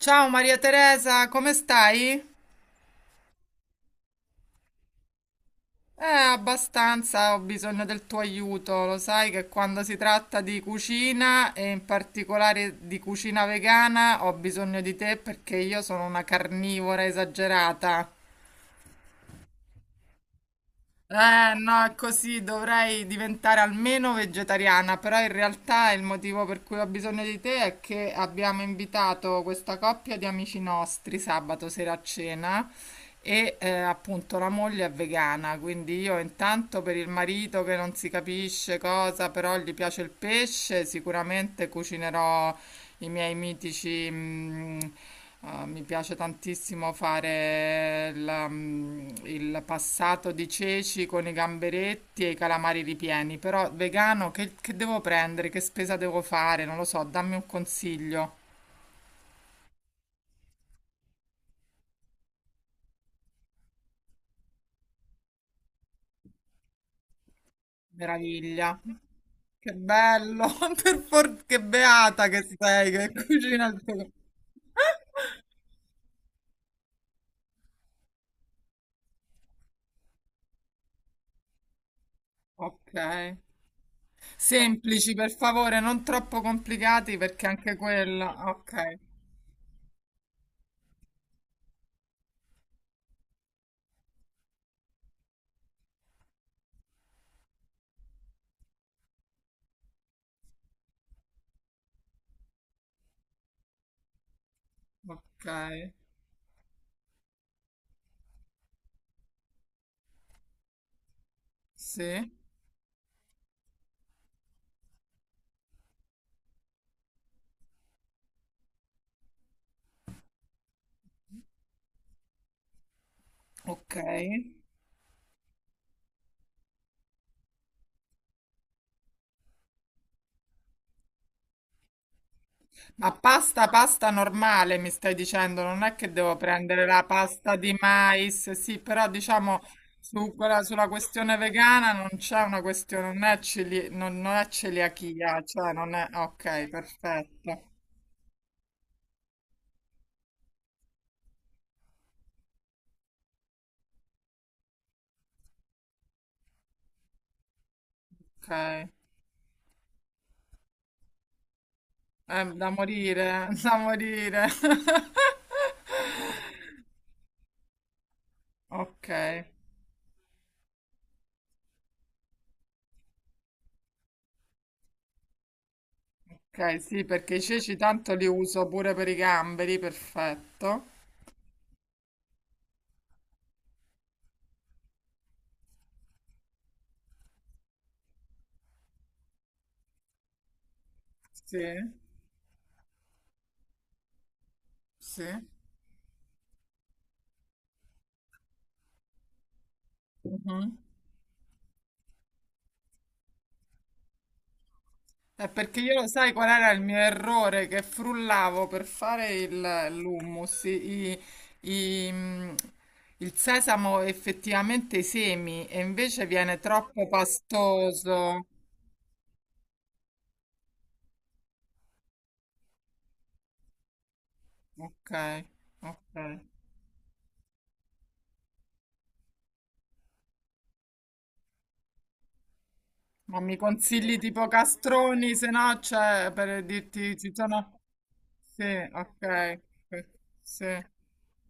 Ciao Maria Teresa, come stai? Abbastanza, ho bisogno del tuo aiuto. Lo sai che quando si tratta di cucina e in particolare di cucina vegana, ho bisogno di te perché io sono una carnivora esagerata. Eh no, è così, dovrei diventare almeno vegetariana, però in realtà il motivo per cui ho bisogno di te è che abbiamo invitato questa coppia di amici nostri sabato sera a cena. Appunto la moglie è vegana, quindi io intanto per il marito che non si capisce cosa, però gli piace il pesce, sicuramente cucinerò i miei mitici. Mi piace tantissimo fare la, il passato di ceci con i gamberetti e i calamari ripieni, però vegano che devo prendere? Che spesa devo fare? Non lo so, dammi un consiglio. Meraviglia. Che bello, che beata che sei, che cucina il tuo... Ok. Semplici, per favore, non troppo complicati perché anche quella... Ok, ok, sì, ok. Ma pasta, pasta normale mi stai dicendo, non è che devo prendere la pasta di mais, sì, però diciamo sulla questione vegana non c'è una questione, non è celiachia, cioè non è... Ok, perfetto, ok. È da morire, da morire. Ok, ok, sì, perché i ceci tanto li uso pure per i gamberi, perfetto. Sì, sì. Mhm. È perché io lo sai qual era il mio errore? Che frullavo per l'hummus, i- mm, il sesamo effettivamente i semi e invece viene troppo pastoso. Ok, ok. Ma mi consigli tipo castroni, se no, cioè, per dirti, ci sono... Sì, ok, ok, sì,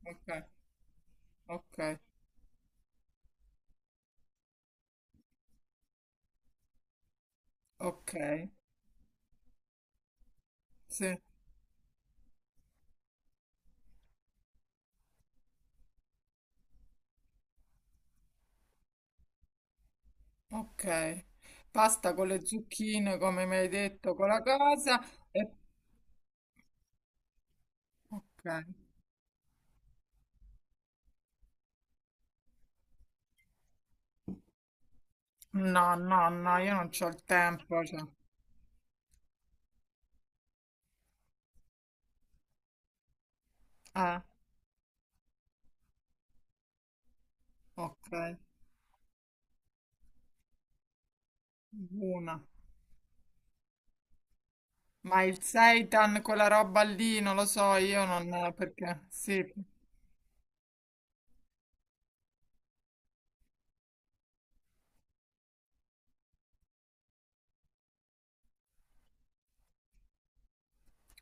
ok, ok, ok, sì. Ok, pasta con le zucchine, come mi hai detto, con la cosa. E... Ok. No, no, no, io non c'ho il tempo. Cioè. Eh, ok, una. Ma il seitan, quella roba lì, non lo so, io non... perché... Sì.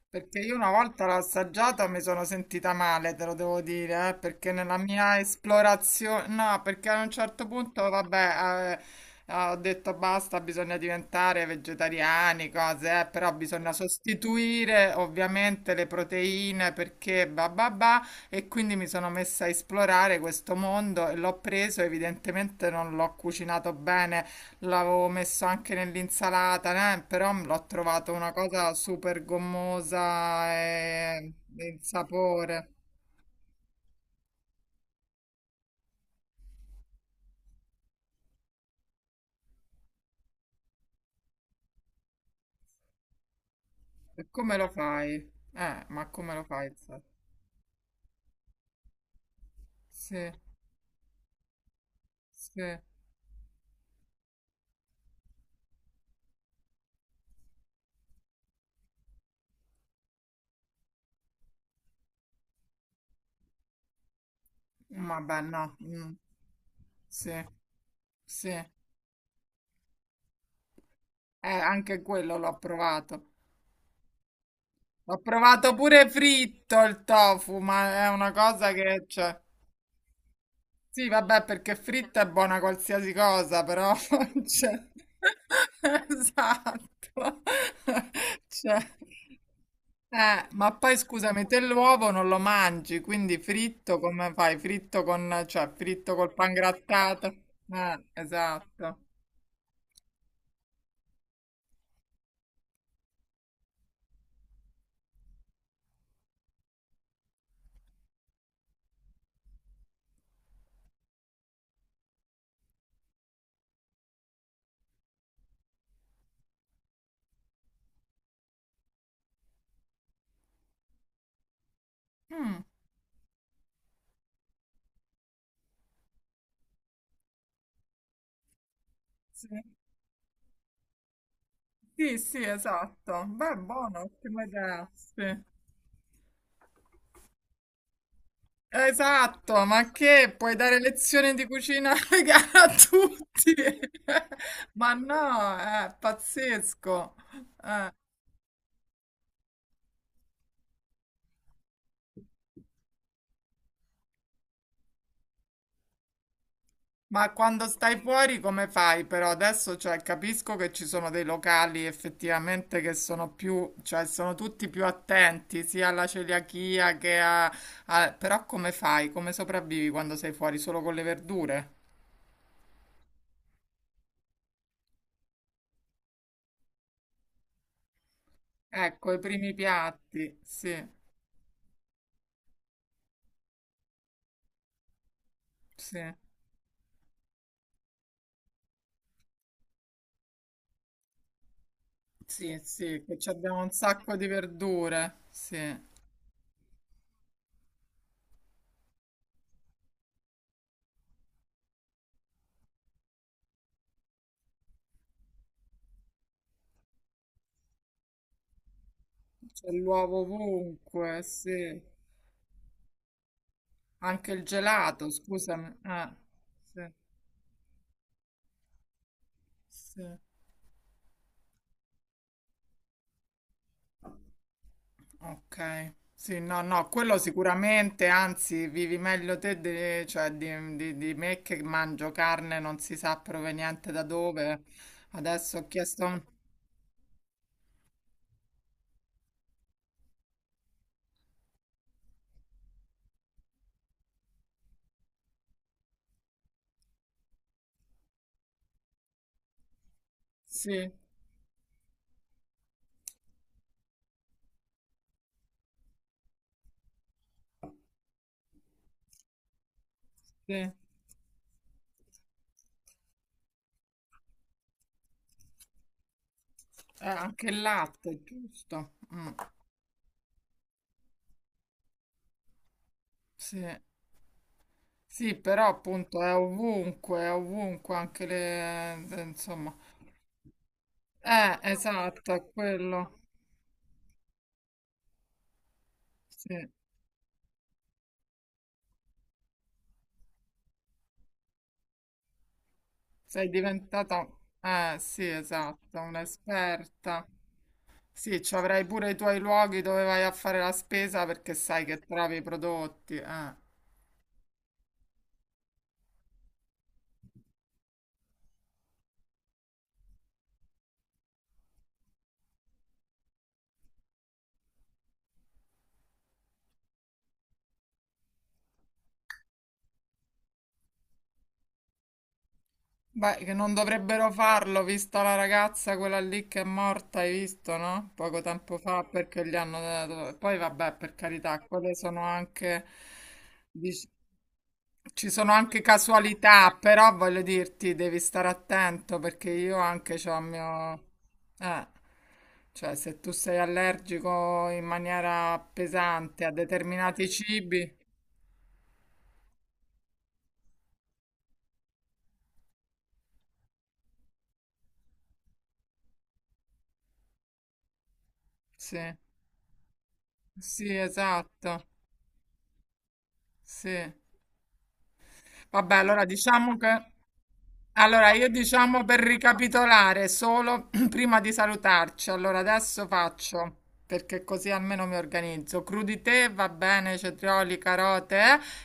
Perché io una volta l'ho assaggiata mi sono sentita male, te lo devo dire, perché nella mia esplorazione, no, perché a un certo punto, vabbè, ho detto basta, bisogna diventare vegetariani, cose, però bisogna sostituire ovviamente le proteine perché bah bah bah, e quindi mi sono messa a esplorare questo mondo e l'ho preso, evidentemente non l'ho cucinato bene. L'avevo messo anche nell'insalata, però l'ho trovato una cosa super gommosa e il sapore. E come lo fai? Ma come lo fai? Sì, sì. Vabbè, no. Sì, sì. Anche quello l'ho provato. L'ho provato pure fritto il tofu, ma è una cosa che c'è. Sì, vabbè, perché fritta è buona qualsiasi cosa, però... cioè, esatto. Cioè, ma poi scusami, te l'uovo non lo mangi, quindi fritto come fai? Fritto con... cioè, fritto col pangrattato? Esatto. Mm, sì. Sì, sì, esatto. Beh, buono, ottima idea. Sì. Esatto, ma che puoi dare lezioni di cucina vegana a tutti? Ma no, è pazzesco. Ma quando stai fuori come fai però? Adesso cioè, capisco che ci sono dei locali effettivamente che sono più, cioè sono tutti più attenti sia alla celiachia che a... Però come fai? Come sopravvivi quando sei fuori solo con le verdure? Ecco, i primi piatti, sì, sì. Sì, sì, che ci abbiamo un sacco di verdure, sì. C'è l'uovo ovunque, sì. Anche il gelato, scusami. Ah, sì, sì. Ok. Sì, no, no, quello sicuramente, anzi, vivi meglio te di, cioè, di me che mangio carne non si sa proveniente da dove. Adesso ho chiesto... Sì, sì. Anche il latte, giusto? Sì. Sì, però appunto è ovunque anche le... insomma. Esatto, è quello. Sì, sei diventata... Eh sì, esatto, un'esperta. Sì, ci avrai pure i tuoi luoghi dove vai a fare la spesa perché sai che trovi i prodotti. Beh, che non dovrebbero farlo, vista la ragazza quella lì che è morta, hai visto, no? Poco tempo fa perché gli hanno dato... Poi vabbè, per carità, quelle sono anche... dic- Ci sono anche casualità, però voglio dirti, devi stare attento perché io anche c'ho il mio... Eh, cioè se tu sei allergico in maniera pesante a determinati cibi, sì, sì, esatto, sì. Vabbè, allora diciamo che... Allora, io diciamo per ricapitolare solo prima di salutarci, allora adesso faccio perché così almeno mi organizzo. Crudité va bene, cetrioli, carote,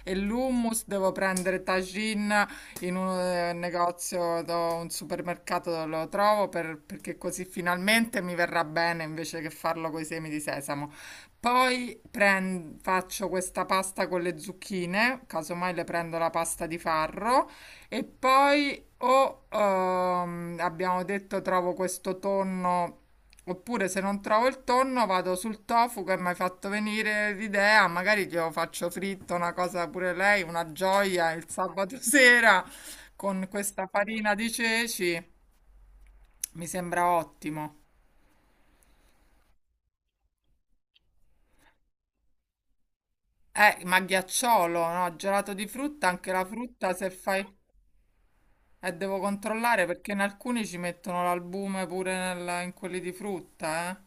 e l'hummus devo prendere tagine in un negozio, un supermercato dove lo trovo perché così finalmente mi verrà bene invece che farlo con i semi di sesamo. Poi faccio questa pasta con le zucchine, casomai le prendo la pasta di farro e poi o abbiamo detto trovo questo tonno, oppure se non trovo il tonno vado sul tofu che mi hai fatto venire l'idea, magari glielo faccio fritto, una cosa pure lei, una gioia il sabato sera con questa farina di ceci, mi sembra ottimo. Ma ghiacciolo, no? Gelato di frutta, anche la frutta se fai... devo controllare perché in alcuni ci mettono l'albume pure in quelli di frutta, eh.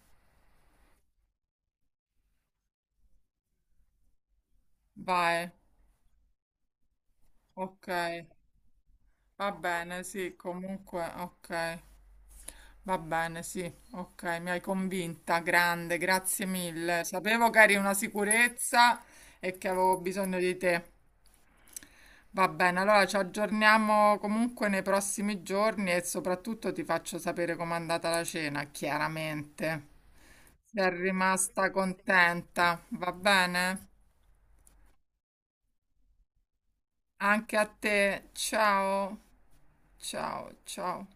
Vai. Ok, va bene, sì, comunque, ok, va bene, sì, ok, mi hai convinta, grande, grazie mille. Sapevo che eri una sicurezza e che avevo bisogno di te. Va bene, allora ci aggiorniamo comunque nei prossimi giorni e soprattutto ti faccio sapere com'è andata la cena, chiaramente. Sei rimasta contenta, va bene? Anche a te, ciao, ciao, ciao.